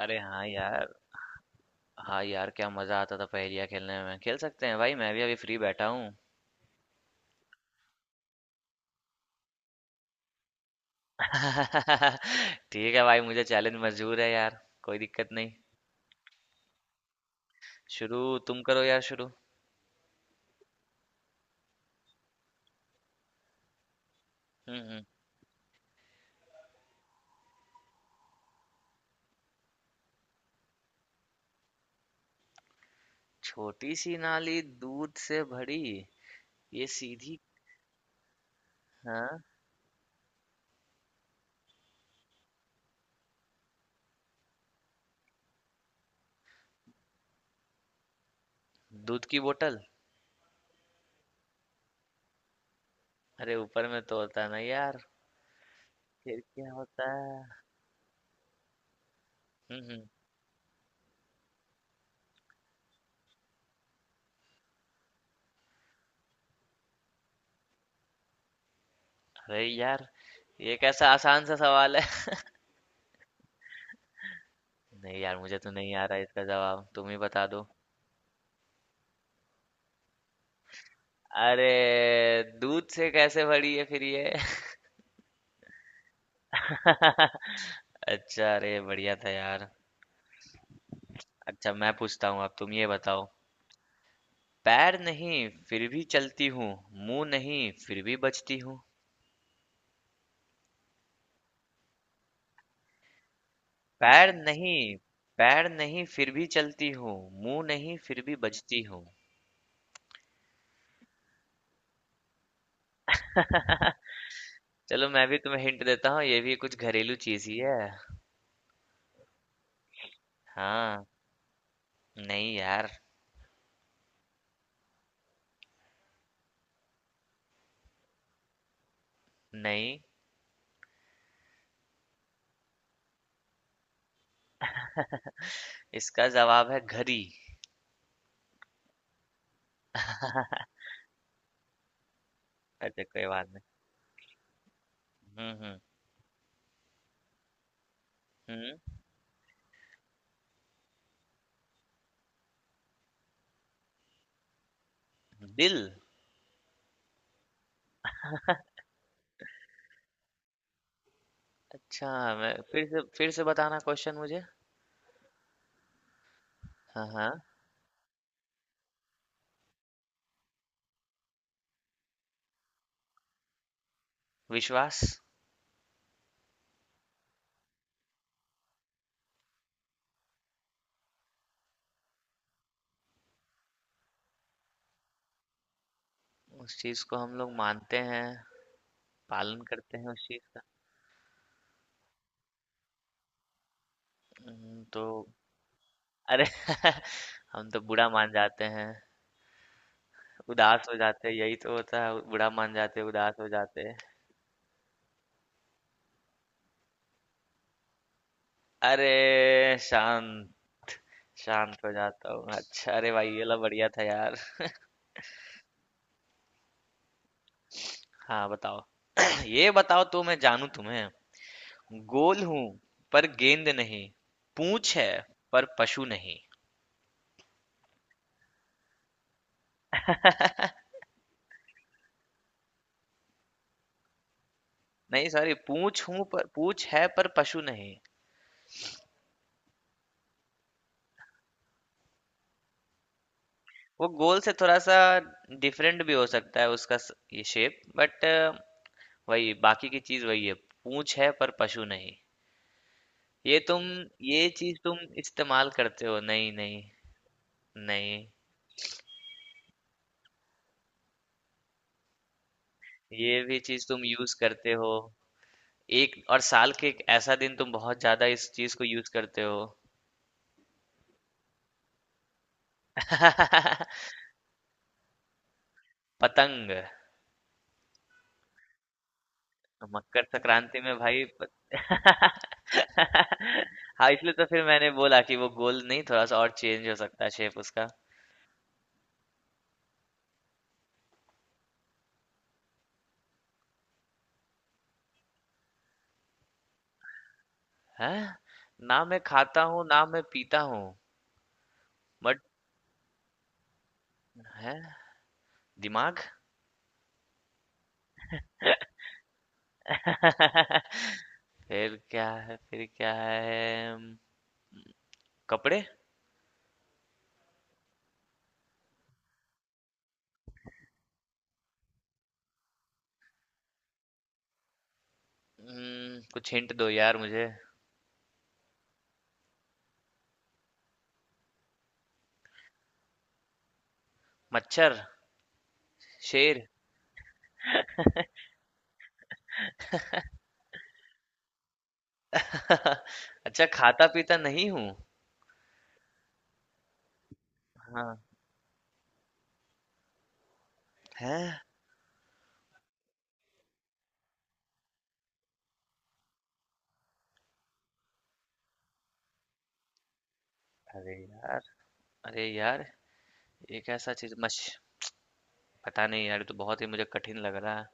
अरे हाँ यार। हाँ यार, क्या मजा आता था पहेलियाँ खेलने में। खेल सकते हैं भाई, मैं भी अभी फ्री बैठा हूँ। ठीक है भाई, मुझे चैलेंज मंजूर है यार, कोई दिक्कत नहीं। शुरू तुम करो यार, शुरू। हम्म हम्म। छोटी सी नाली दूध से भरी, ये सीधी। हाँ। दूध की बोतल। अरे ऊपर में तो होता है ना यार। फिर क्या होता है? हम्म हम्म। अरे यार, ये कैसा आसान सा सवाल है। नहीं यार, मुझे तो नहीं आ रहा इसका जवाब, तुम ही बता दो। अरे दूध से कैसे भरी है फिर ये? अच्छा, अरे बढ़िया था यार। अच्छा, मैं पूछता हूँ अब, तुम ये बताओ। पैर नहीं फिर भी चलती हूँ, मुंह नहीं फिर भी बचती हूँ। पैर नहीं पैर नहीं फिर भी चलती हूँ, मुंह नहीं फिर भी बचती हूँ। चलो मैं भी तुम्हें हिंट देता हूँ, ये भी कुछ घरेलू चीज ही है। हाँ। नहीं यार। नहीं, इसका जवाब है घड़ी। अच्छा कोई बात नहीं। हम्म। दिल। अच्छा, मैं फिर से बताना क्वेश्चन मुझे। हाँ हाँ। विश्वास। उस चीज को हम लोग मानते हैं, पालन करते हैं उस चीज का। तो। अरे हम तो बुरा मान जाते हैं। उदास हो जाते हैं, यही तो होता है, बुरा मान जाते हैं, उदास हो जाते हैं। अरे शांत। शांत हो जाता हूँ। अच्छा, अरे भाई ये लो, बढ़िया था यार। हाँ बताओ। ये बताओ तो मैं जानू तुम्हें। गोल हूँ पर गेंद नहीं, पूंछ है पर पशु नहीं। नहीं सॉरी, पूंछ है पर पशु नहीं। वो गोल से थोड़ा सा डिफरेंट भी हो सकता है उसका ये शेप, बट वही बाकी की चीज वही है, पूंछ है पर पशु नहीं। ये तुम ये चीज तुम इस्तेमाल करते हो। नहीं नहीं। नहीं। ये भी चीज तुम यूज करते हो। एक और साल के एक ऐसा दिन तुम बहुत ज्यादा इस चीज को यूज करते हो। पतंग। मकर संक्रांति में भाई हाँ, इसलिए तो फिर मैंने बोला कि वो गोल नहीं, थोड़ा सा और चेंज हो सकता है शेप उसका। है। ना मैं खाता हूँ ना मैं पीता हूँ। बट है दिमाग। फिर क्या है कपड़े। कुछ हिंट दो यार मुझे। मच्छर। शेर। अच्छा, खाता पीता नहीं हूँ। हाँ। है। अरे यार। अरे यार, एक ऐसा चीज मछ पता नहीं यार, ये तो बहुत ही मुझे कठिन लग रहा है।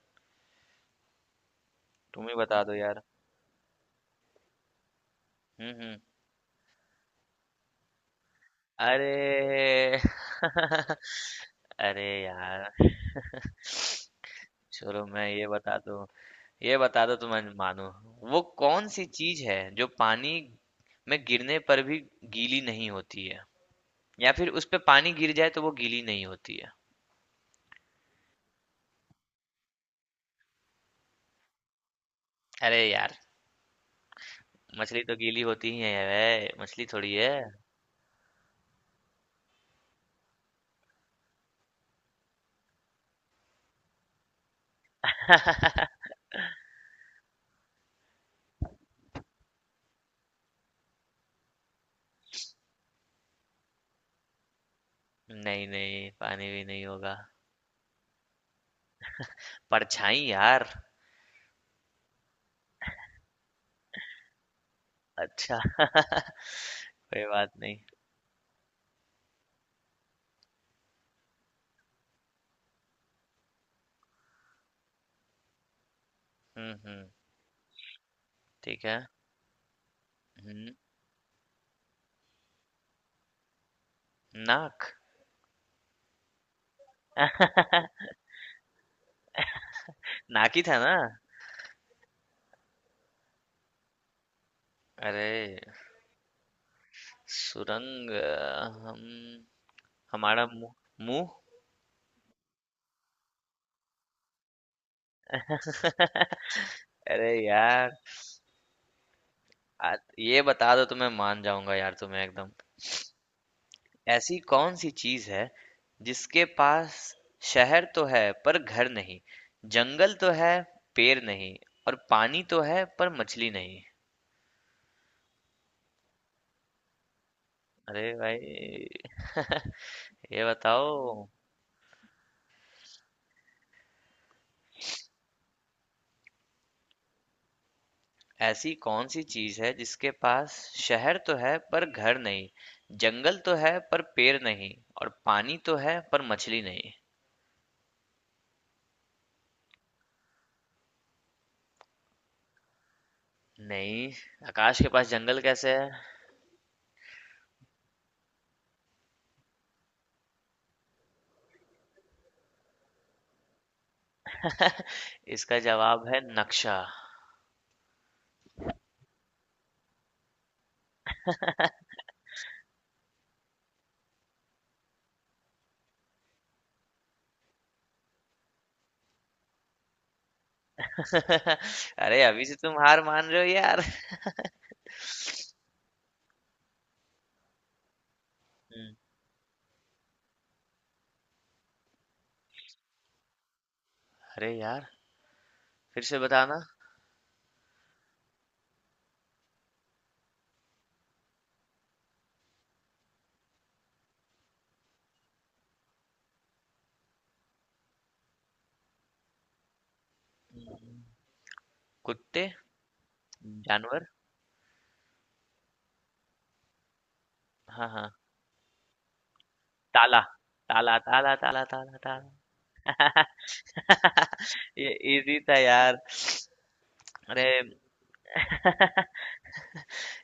तुम ही बता दो यार। हम्म। अरे अरे यार, चलो मैं ये बता दूं। ये बता दो तुम। मानो, वो कौन सी चीज है जो पानी में गिरने पर भी गीली नहीं होती है? या फिर उस पे पानी गिर जाए तो वो गीली नहीं होती है? अरे यार, मछली तो गीली होती ही है, वे मछली थोड़ी है। नहीं नहीं, पानी भी नहीं होगा। परछाई यार। अच्छा, कोई बात नहीं। हम्म, ठीक है। हम्म। नाक। नाक ही था ना? अरे। सुरंग। हम हमारा मुंह। मुंह। अरे यार। ये बता दो तो मैं मान जाऊंगा यार तुम्हें एकदम। ऐसी कौन सी चीज है जिसके पास शहर तो है पर घर नहीं, जंगल तो है पेड़ नहीं, और पानी तो है पर मछली नहीं? अरे भाई। ये बताओ। ऐसी कौन-सी चीज़ है जिसके पास शहर तो है पर घर नहीं, जंगल तो है पर पेड़ नहीं, और पानी तो है पर मछली नहीं? नहीं, आकाश के पास जंगल कैसे है? इसका जवाब है नक्शा। अरे, अभी से तुम हार मान रहे हो यार। हुँ, अरे यार, फिर से बताना। कुत्ते, जानवर। हाँ, हाँ। ताला, ताला, ताला, ताला, ताला, ताला। ये इजी था यार। अरे,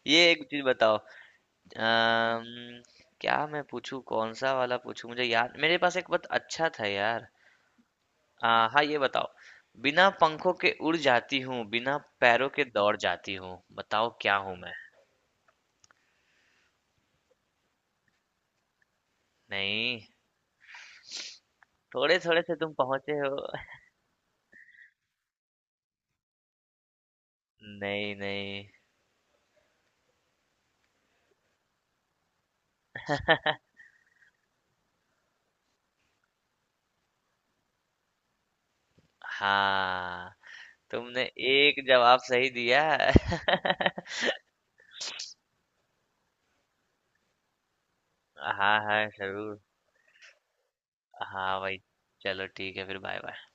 ये एक चीज़ बताओ। अम्म, क्या मैं पूछूं, कौन सा वाला पूछूं, मुझे याद मेरे पास एक बहुत अच्छा था यार। हाँ ये बताओ। बिना पंखों के उड़ जाती हूँ, बिना पैरों के दौड़ जाती हूँ, बताओ क्या हूँ मैं? नहीं। थोड़े थोड़े से तुम पहुंचे हो। नहीं नहीं। हाँ। तुमने एक जवाब सही दिया। हाँ हाँ जरूर। हाँ भाई। चलो ठीक है, फिर बाय बाय।